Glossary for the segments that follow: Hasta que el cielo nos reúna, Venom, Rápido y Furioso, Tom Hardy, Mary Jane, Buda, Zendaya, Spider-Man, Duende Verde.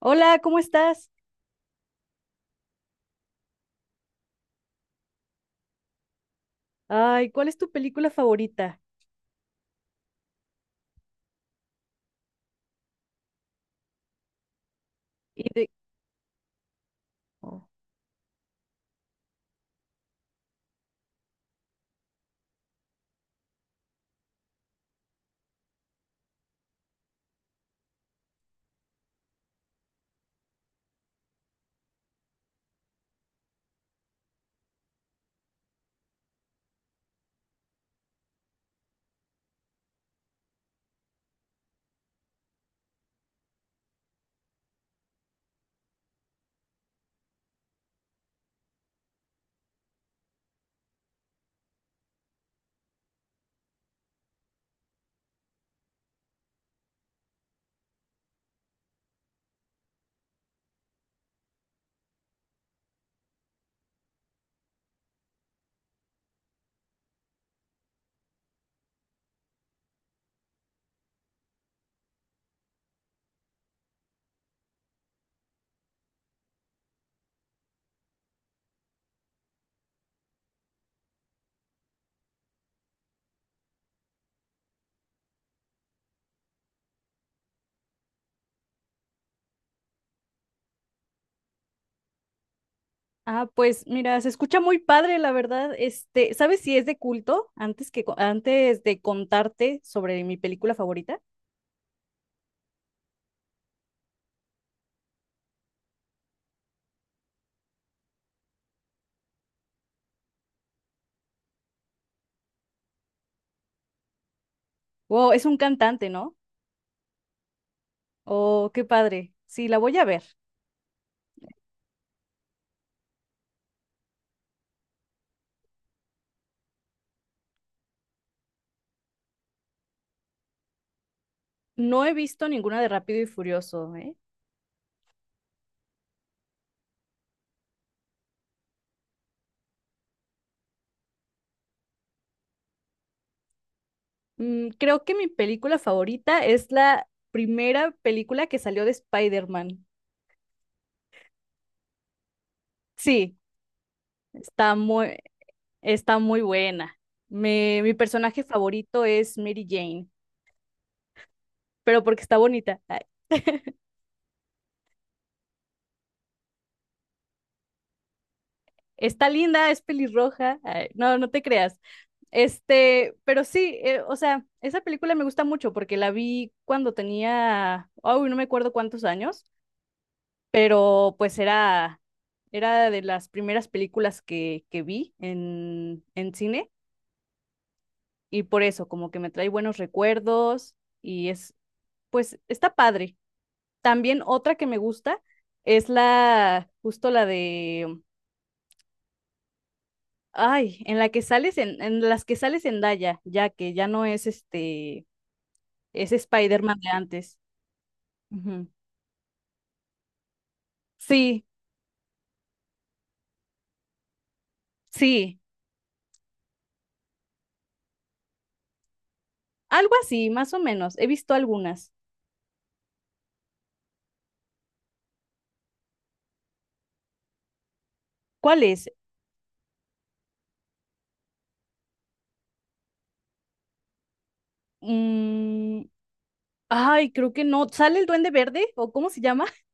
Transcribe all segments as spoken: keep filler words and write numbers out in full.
Hola, ¿cómo estás? Ay, ¿cuál es tu película favorita? Y de... Oh. Ah, pues mira, se escucha muy padre, la verdad. Este, ¿sabes si es de culto? Antes que co- antes de contarte sobre mi película favorita. Wow, es un cantante, ¿no? Oh, qué padre. Sí, la voy a ver. No he visto ninguna de Rápido y Furioso, ¿eh? Mm, creo que mi película favorita es la primera película que salió de Spider-Man. Sí, está muy, está muy buena. Me- mi personaje favorito es Mary Jane, pero porque está bonita. Ay, está linda, es pelirroja. Ay, no, no te creas. Este, pero sí, eh, o sea, esa película me gusta mucho porque la vi cuando tenía, uy, no me acuerdo cuántos años, pero pues era, era de las primeras películas que, que vi en, en cine y por eso como que me trae buenos recuerdos y es, pues, está padre. También otra que me gusta es la, justo la de, ay, en la que sales en, en las que sales en Daya, ya que ya no es este, es Spider-Man de antes. Ujú. Sí, sí, algo así, más o menos. He visto algunas. ¿Cuál es? Mm, ay, creo que no. ¿Sale el Duende Verde o cómo se llama?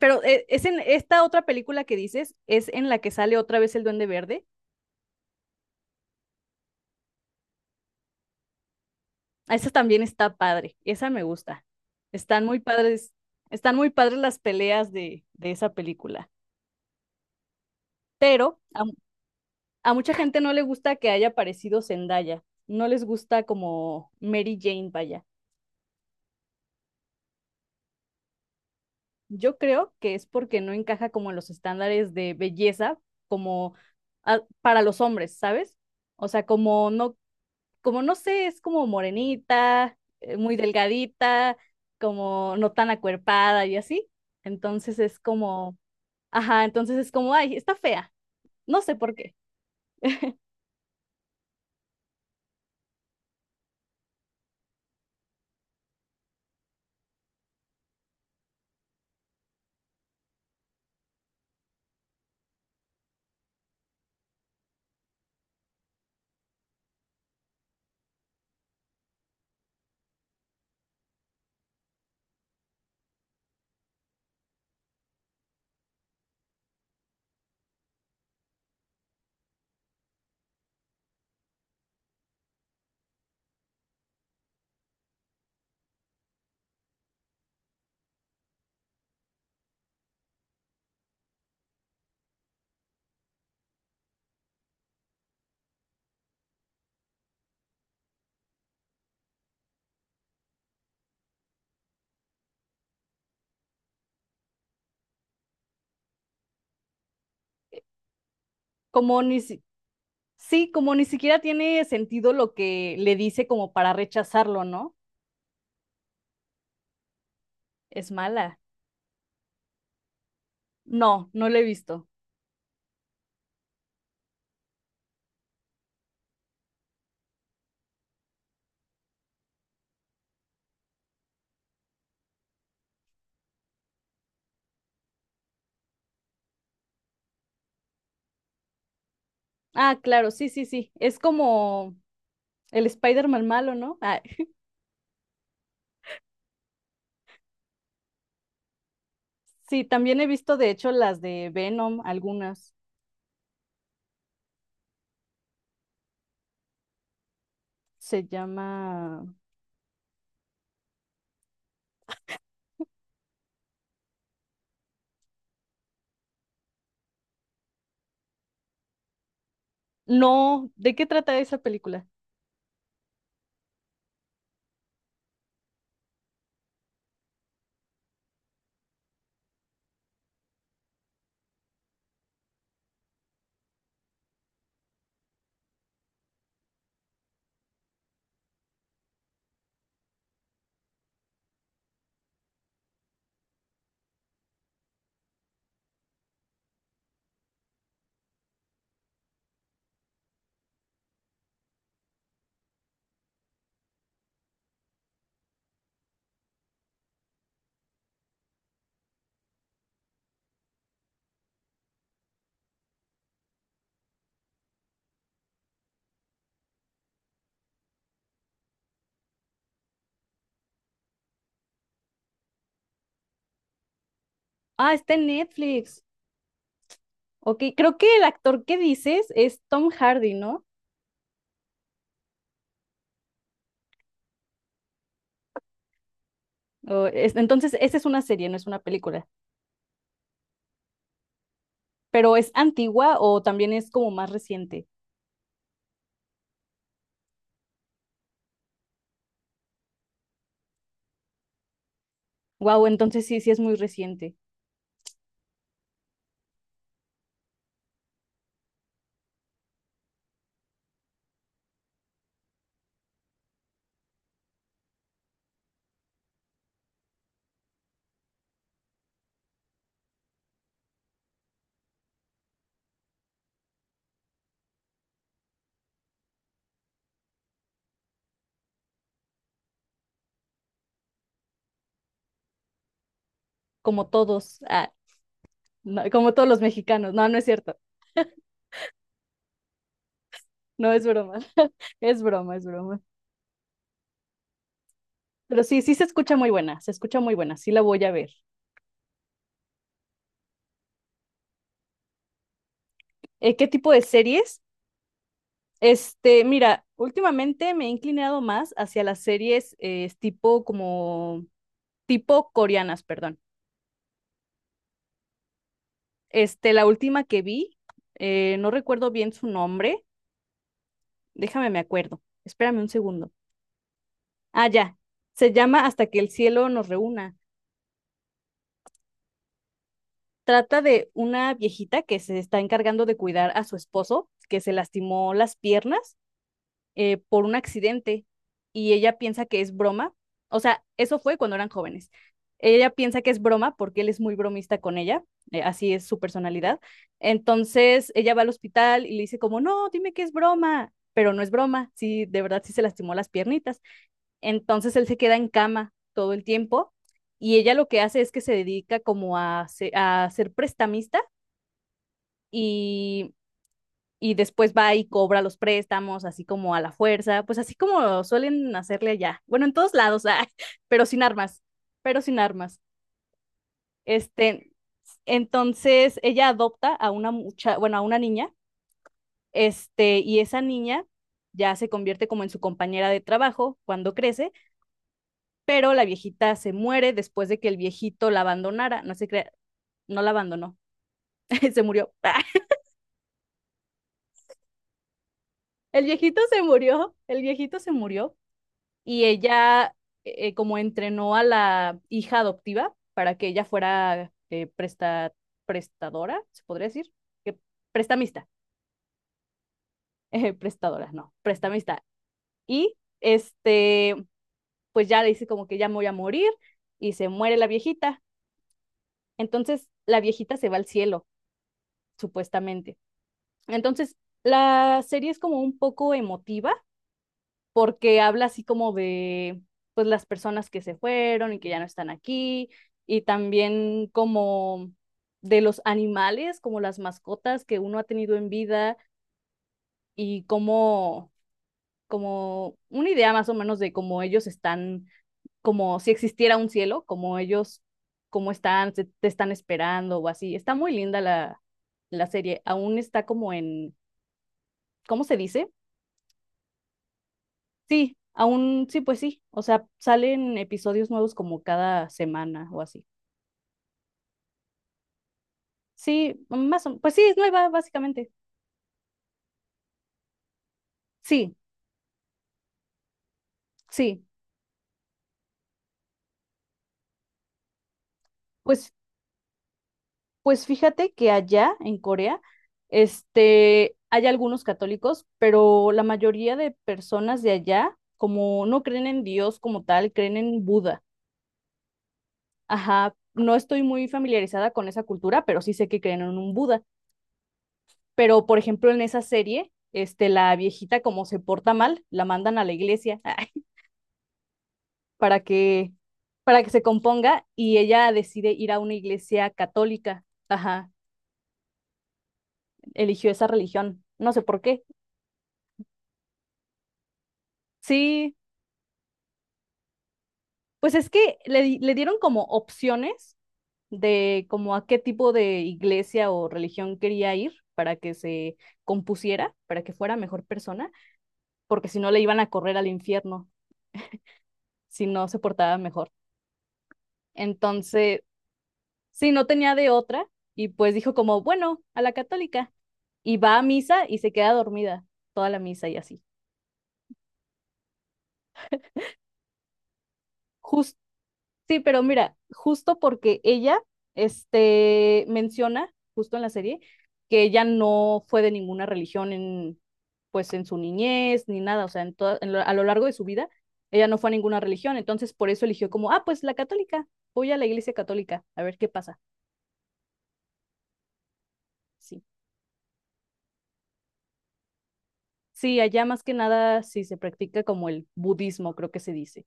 Pero eh, es en esta otra película que dices, es en la que sale otra vez el Duende Verde. Esa también está padre, esa me gusta. Están muy padres, están muy padres las peleas de, de esa película. Pero a, a mucha gente no le gusta que haya aparecido Zendaya. No les gusta como Mary Jane, vaya. Yo creo que es porque no encaja como en los estándares de belleza, como a- para los hombres, ¿sabes? O sea, como no, como no sé, es como morenita, eh, muy delgadita, como no tan acuerpada y así. Entonces es como. Ajá, entonces es como, ay, está fea. No sé por qué. Como ni si... Sí, como ni siquiera tiene sentido lo que le dice como para rechazarlo, ¿no? Es mala. No, no lo he visto. Ah, claro, sí, sí, sí. Es como el Spider-Man malo, ¿no? Ah, sí, también he visto de hecho las de Venom, algunas. Se llama... No, ¿de qué trata esa película? Ah, está en Netflix. Ok, creo que el actor que dices es Tom Hardy, ¿no? O es- entonces, esa es una serie, no es una película. Pero es antigua o también es como más reciente. Wow, entonces sí, sí es muy reciente. Como todos, ah, no, como todos los mexicanos. No, no es cierto. No es broma. Es broma, es broma. Pero sí, sí se escucha muy buena, se escucha muy buena. Sí la voy a ver. Eh, ¿qué tipo de series? Este, mira, últimamente me he inclinado más hacia las series eh, tipo como tipo coreanas, perdón. Este, la última que vi, eh, no recuerdo bien su nombre. Déjame, me acuerdo. Espérame un segundo. Ah, ya. Se llama Hasta que el cielo nos reúna. Trata de una viejita que se está encargando de cuidar a su esposo, que se lastimó las piernas eh, por un accidente y ella piensa que es broma. O sea, eso fue cuando eran jóvenes. Ella piensa que es broma porque él es muy bromista con ella, eh, así es su personalidad. Entonces ella va al hospital y le dice como, no, dime que es broma, pero no es broma, sí, de verdad sí se lastimó las piernitas. Entonces él se queda en cama todo el tiempo y ella lo que hace es que se dedica como a, se- a ser prestamista y, y después va y cobra los préstamos, así como a la fuerza, pues así como suelen hacerle allá. Bueno, en todos lados, ah, pero sin armas, pero sin armas. Este, entonces ella adopta a una mucha, bueno, a una niña, este, y esa niña ya se convierte como en su compañera de trabajo cuando crece, pero la viejita se muere después de que el viejito la abandonara, no se crea, no la abandonó, se murió. El viejito se murió, el viejito se murió y ella eh, como entrenó a la hija adoptiva para que ella fuera eh, presta, prestadora, se podría decir, que prestamista, eh, prestadora, no, prestamista. Y este, pues ya le dice como que ya me voy a morir y se muere la viejita. Entonces la viejita se va al cielo, supuestamente. Entonces, la serie es como un poco emotiva porque habla así como de pues las personas que se fueron y que ya no están aquí y también como de los animales, como las mascotas que uno ha tenido en vida y como como una idea más o menos de cómo ellos están, como si existiera un cielo, como ellos, cómo están, se- te están esperando o así. Está muy linda la, la serie, aún está como en, ¿cómo se dice? Sí, aún sí, pues sí. O sea, salen episodios nuevos como cada semana o así. Sí, más o pues sí, es nueva, básicamente. Sí, sí. Pues, pues fíjate que allá en Corea, este, hay algunos católicos, pero la mayoría de personas de allá, como no creen en Dios como tal, creen en Buda. Ajá, no estoy muy familiarizada con esa cultura, pero sí sé que creen en un Buda. Pero, por ejemplo, en esa serie, este, la viejita como se porta mal, la mandan a la iglesia para que, para que se componga y ella decide ir a una iglesia católica. Ajá, eligió esa religión, no sé por qué. Sí, pues es que le, di- le dieron como opciones de como a qué tipo de iglesia o religión quería ir para que se compusiera, para que fuera mejor persona, porque si no le iban a correr al infierno si no se portaba mejor. Entonces, sí, no tenía de otra y pues dijo como, bueno, a la católica. Y va a misa y se queda dormida toda la misa y así. Jus- sí, pero mira, justo porque ella, este, menciona, justo en la serie, que ella no fue de ninguna religión en, pues en su niñez ni nada, o sea, en toda- en lo- a lo largo de su vida, ella no fue a ninguna religión, entonces por eso eligió como, ah, pues la católica, voy a la iglesia católica, a ver qué pasa. Sí. Sí, allá más que nada sí se practica como el budismo, creo que se dice.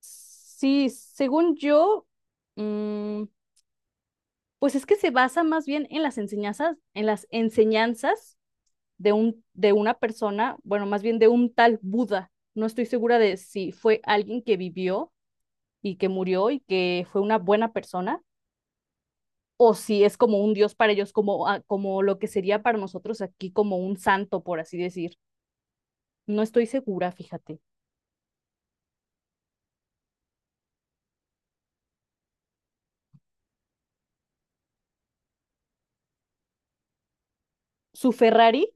Sí, según yo, mm, pues es que se basa más bien en las enseñanzas, en las enseñanzas de un, de una persona, bueno, más bien de un tal Buda. No estoy segura de si fue alguien que vivió y que murió y que fue una buena persona, o si es como un dios para ellos, como, ah, como lo que sería para nosotros aquí como un santo, por así decir. No estoy segura, fíjate. Su Ferrari.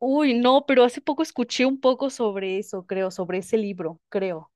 Uy, no, pero hace poco escuché un poco sobre eso, creo, sobre ese libro, creo.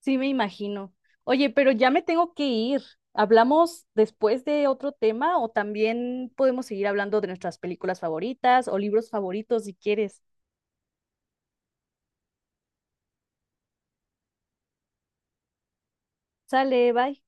Sí, me imagino. Oye, pero ya me tengo que ir. ¿Hablamos después de otro tema o también podemos seguir hablando de nuestras películas favoritas o libros favoritos si quieres? Sale, bye.